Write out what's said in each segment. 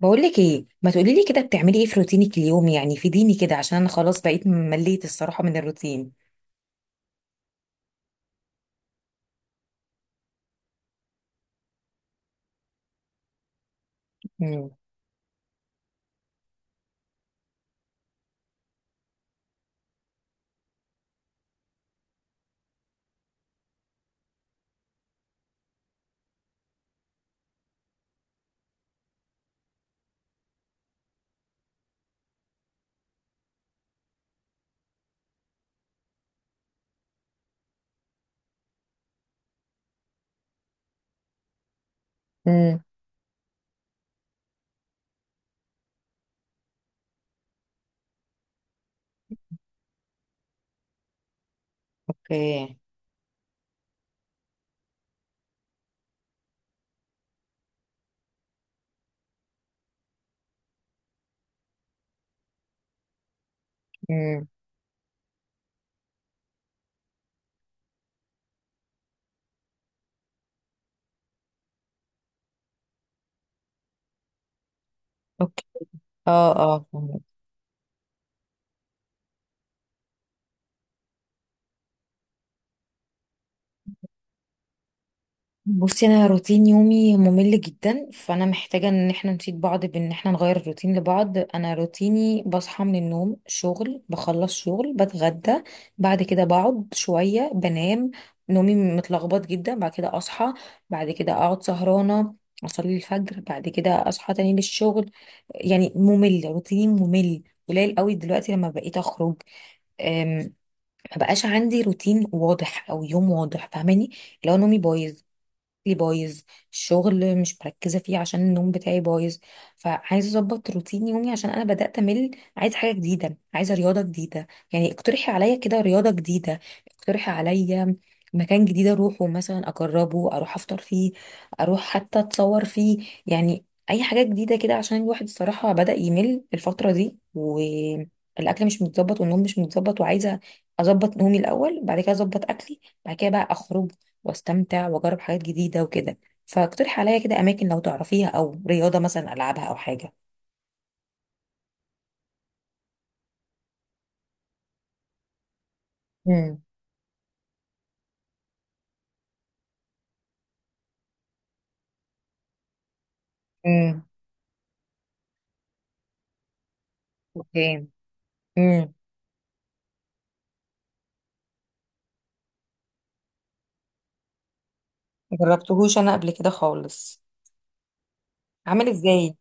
بقول لك ايه؟ ما تقولي لي كده بتعملي ايه في روتينك اليومي، يعني فيديني كده عشان انا خلاص بقيت مليت الصراحة من الروتين. امم. امم. اوكي. امم. اوكي. اه. اه. بصي، انا روتين يومي ممل جدا، فانا محتاجه ان احنا نفيد بعض بان احنا نغير الروتين لبعض. انا روتيني بصحى من النوم، شغل، بخلص شغل، بتغدى، بعد كده بقعد شويه بنام. نومي متلخبط جدا، بعد كده اصحى، بعد كده اقعد سهرانه، اصلي الفجر، بعد كده اصحى تاني للشغل. يعني ممل، روتيني ممل. قليل قوي دلوقتي لما بقيت اخرج. أم، ما بقاش عندي روتين واضح او يوم واضح، فاهماني؟ لو نومي بايظ لي بايظ، الشغل مش مركزه فيه عشان النوم بتاعي بايظ. فعايزه اظبط روتين يومي عشان انا بدات امل. عايزه حاجه جديده، عايزه رياضه جديده. يعني اقترحي عليا كده رياضه جديده، اقترحي عليا مكان جديد اروحه مثلا، اجربه، اروح افطر فيه، اروح حتى اتصور فيه، يعني اي حاجه جديده كده عشان الواحد الصراحه بدا يمل الفتره دي، والاكل مش متظبط والنوم مش متظبط. وعايزه اظبط نومي الاول، بعد كده اظبط اكلي، بعد كده بقى اخرج واستمتع واجرب حاجات جديده وكده. فاقترحي عليا كده اماكن لو تعرفيها، او رياضه مثلا العبها او حاجه. امم. امم. اوكي. امم. جربتهوش انا قبل كده خالص. عامل ازاي؟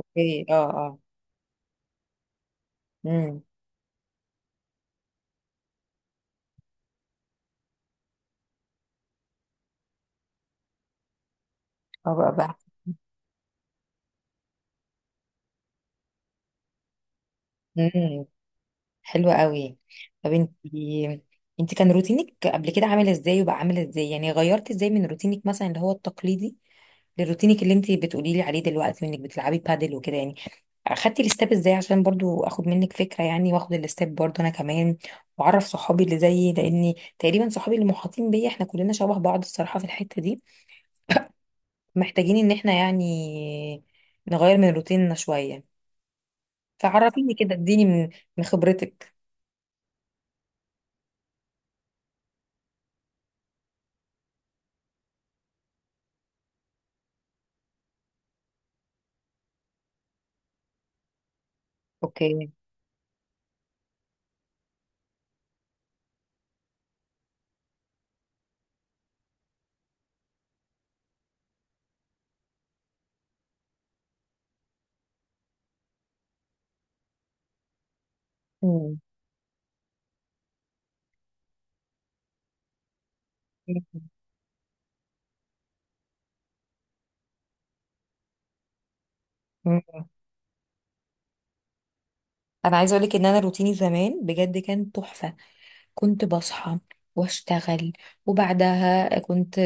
اوكي. اه. اه. امم. اه، بقى بقى. امم. حلوة قوي. طب انت، انت كان روتينك قبل كده عامل ازاي وبقى عامل ازاي؟ يعني غيرت ازاي من روتينك مثلا اللي هو التقليدي، لروتينك اللي انت بتقولي لي عليه دلوقتي وانك بتلعبي بادل وكده يعني؟ اخدتي الاستاب ازاي عشان برضو اخد منك فكره، يعني واخد الاستاب برضو انا كمان، واعرف صحابي اللي زيي، لاني تقريبا صحابي اللي محاطين بيا احنا كلنا شبه بعض الصراحه في الحته دي. محتاجين ان احنا يعني نغير من روتيننا شويه. فعرفيني كده، اديني من خبرتك. اوكي. مم. مم. انا عايزه اقول لك ان انا روتيني زمان بجد كان تحفه. كنت بصحى واشتغل، وبعدها كنت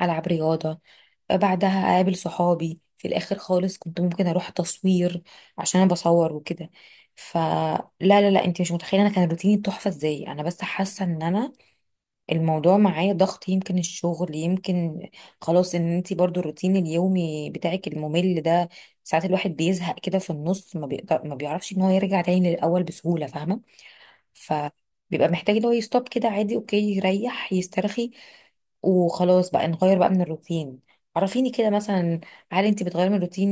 العب رياضه، بعدها اقابل صحابي، في الاخر خالص كنت ممكن اروح تصوير عشان انا بصور وكده. فلا لا لا لا، انت مش متخيله انا كان روتيني تحفه ازاي. انا بس حاسه ان انا الموضوع معايا ضغط، يمكن الشغل، يمكن خلاص ان انت برضو الروتين اليومي بتاعك الممل ده. ساعات الواحد بيزهق كده في النص، ما بيقدر، ما بيعرفش ان هو يرجع تاني للاول بسهوله، فاهمه؟ ف بيبقى محتاج ان هو يستوب كده عادي، اوكي، يريح يسترخي، وخلاص بقى نغير بقى من الروتين. عرفيني كده مثلا، هل انت بتغيري من الروتين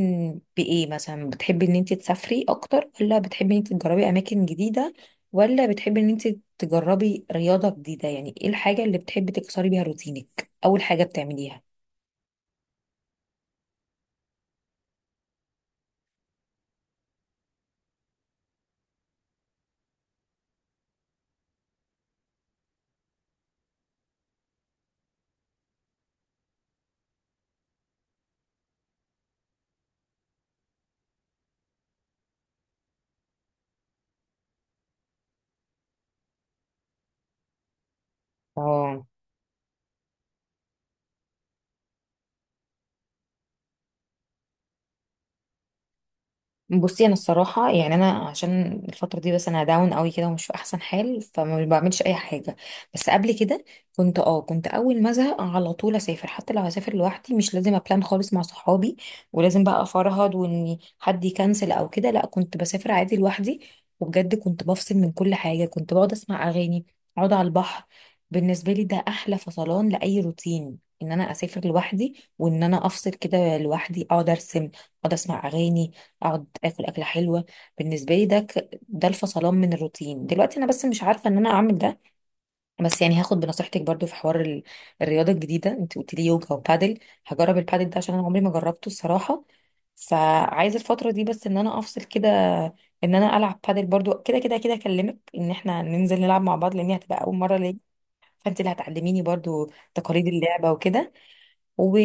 بايه مثلا؟ بتحبي ان انت تسافري اكتر، ولا بتحبي ان انت تجربي اماكن جديدة، ولا بتحبي ان انت تجربي رياضة جديدة؟ يعني ايه الحاجة اللي بتحبي تكسري بيها روتينك، اول حاجة بتعمليها؟ اه. بصي انا الصراحه يعني انا عشان الفتره دي بس انا داون قوي كده ومش في احسن حال فما بعملش اي حاجه. بس قبل كده كنت، اه كنت اول ما ازهق على طول اسافر، حتى لو هسافر لوحدي، مش لازم ابلان خالص مع صحابي، ولازم بقى افرهد وان حد يكنسل او كده. لا، كنت بسافر عادي لوحدي، وبجد كنت بفصل من كل حاجه، كنت بقعد اسمع اغاني، اقعد على البحر. بالنسبه لي ده احلى فصلان لاي روتين، ان انا اسافر لوحدي وان انا افصل كده لوحدي، اقعد ارسم، اقعد اسمع اغاني، اقعد اكل اكله حلوه. بالنسبه لي ده ده الفصلان من الروتين. دلوقتي انا بس مش عارفه ان انا اعمل ده. بس يعني هاخد بنصيحتك برضو في حوار الرياضه الجديده، انت قلت لي يوجا وبادل. هجرب البادل ده عشان انا عمري ما جربته الصراحه. فعايزه الفتره دي بس ان انا افصل كده، ان انا العب بادل برضو، كده كده كده اكلمك ان احنا ننزل نلعب مع بعض، لان هي هتبقى اول مره ليا. فانت اللي هتعلميني برضو تقاليد اللعبه وكده، و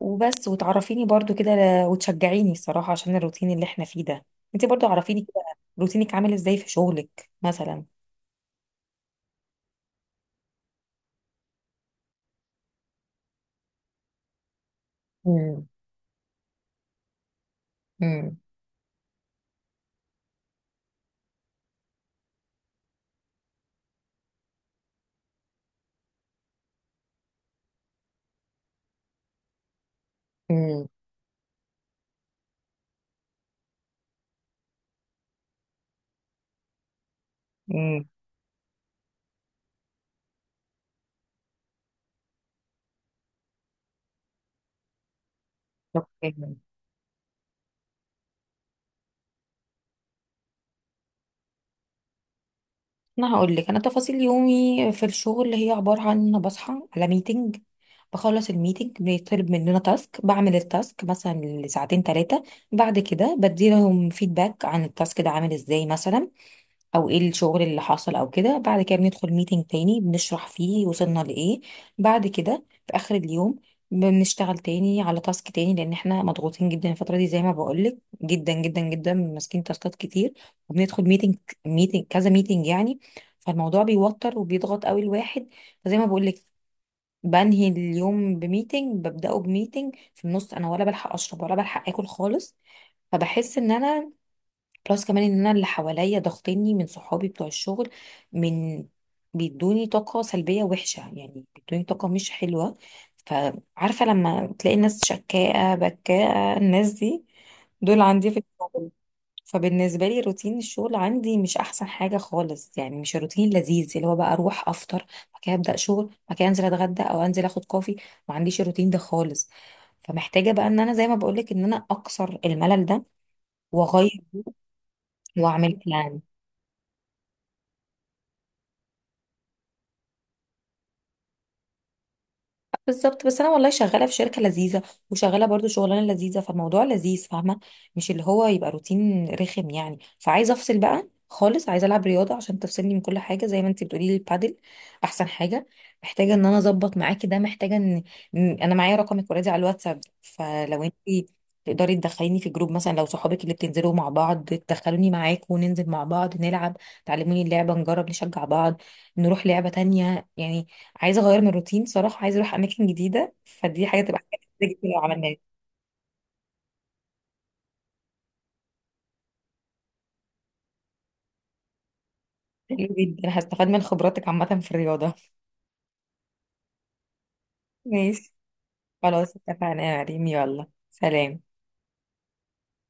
وبس، وتعرفيني برضو كده وتشجعيني الصراحة عشان الروتين اللي احنا فيه ده. انت برضو عرفيني كده روتينك عامل ازاي في شغلك مثلا. امم. امم. امم. امم. اوكي. انا هقول لك، انا تفاصيل يومي في الشغل هي عبارة عن ان انا بصحى على ميتنج، بخلص الميتنج بيطلب مننا تاسك، بعمل التاسك مثلا لساعتين 3، بعد كده بديلهم فيدباك عن التاسك ده عامل ازاي مثلا، او ايه الشغل اللي حصل او كده. بعد كده بندخل ميتنج تاني بنشرح فيه وصلنا لايه. بعد كده في اخر اليوم بنشتغل تاني على تاسك تاني، لان احنا مضغوطين جدا الفتره دي زي ما بقولك، جدا جدا جدا، ماسكين تاسكات كتير. وبندخل ميتنج، ميتنج كذا، ميتنج يعني. فالموضوع بيوتر وبيضغط قوي الواحد. فزي ما بقولك، بنهي اليوم بميتنج، ببداه بميتنج، في النص انا ولا بلحق اشرب ولا بلحق اكل خالص. فبحس ان انا بلس كمان ان انا اللي حواليا ضاغطيني، من صحابي بتوع الشغل، من بيدوني طاقة سلبية وحشة، يعني بيدوني طاقة مش حلوة. فعارفة لما تلاقي ناس شكاءة بكاءة، الناس دي دول عندي في الشغل. فبالنسبة لي روتين الشغل عندي مش أحسن حاجة خالص، يعني مش روتين لذيذ اللي هو بقى أروح أفطر، بعد كده أبدأ شغل، بعد كده أنزل أتغدى أو أنزل أخد كوفي. ما عنديش الروتين ده خالص. فمحتاجة بقى إن أنا زي ما بقولك إن أنا أكسر الملل ده وأغير وأعمل بلان. بالظبط. بس انا والله شغاله في شركه لذيذه، وشغاله برضو شغلانه لذيذه، فالموضوع لذيذ، فاهمه؟ مش اللي هو يبقى روتين رخم يعني. فعايزه افصل بقى خالص، عايزه العب رياضه عشان تفصلني من كل حاجه زي ما انت بتقولي لي، البادل احسن حاجه. محتاجه ان انا اظبط معاكي ده، محتاجه ان إن- انا معايا رقمك اوريدي على الواتساب، فلو انت تقدري تدخليني في جروب مثلا، لو صحابك اللي بتنزلوا مع بعض تدخلوني معاكم، وننزل مع بعض نلعب، تعلموني اللعبه، نجرب، نشجع بعض، نروح لعبه تانية يعني. عايزه اغير من الروتين صراحه، عايزه اروح اماكن جديده، فدي حاجه تبقى حاجه جديدة جدا لو عملناها. حلو جدا، هستفاد من خبراتك عامه في الرياضه. ماشي. خلاص اتفقنا يا مريم، يلا سلام.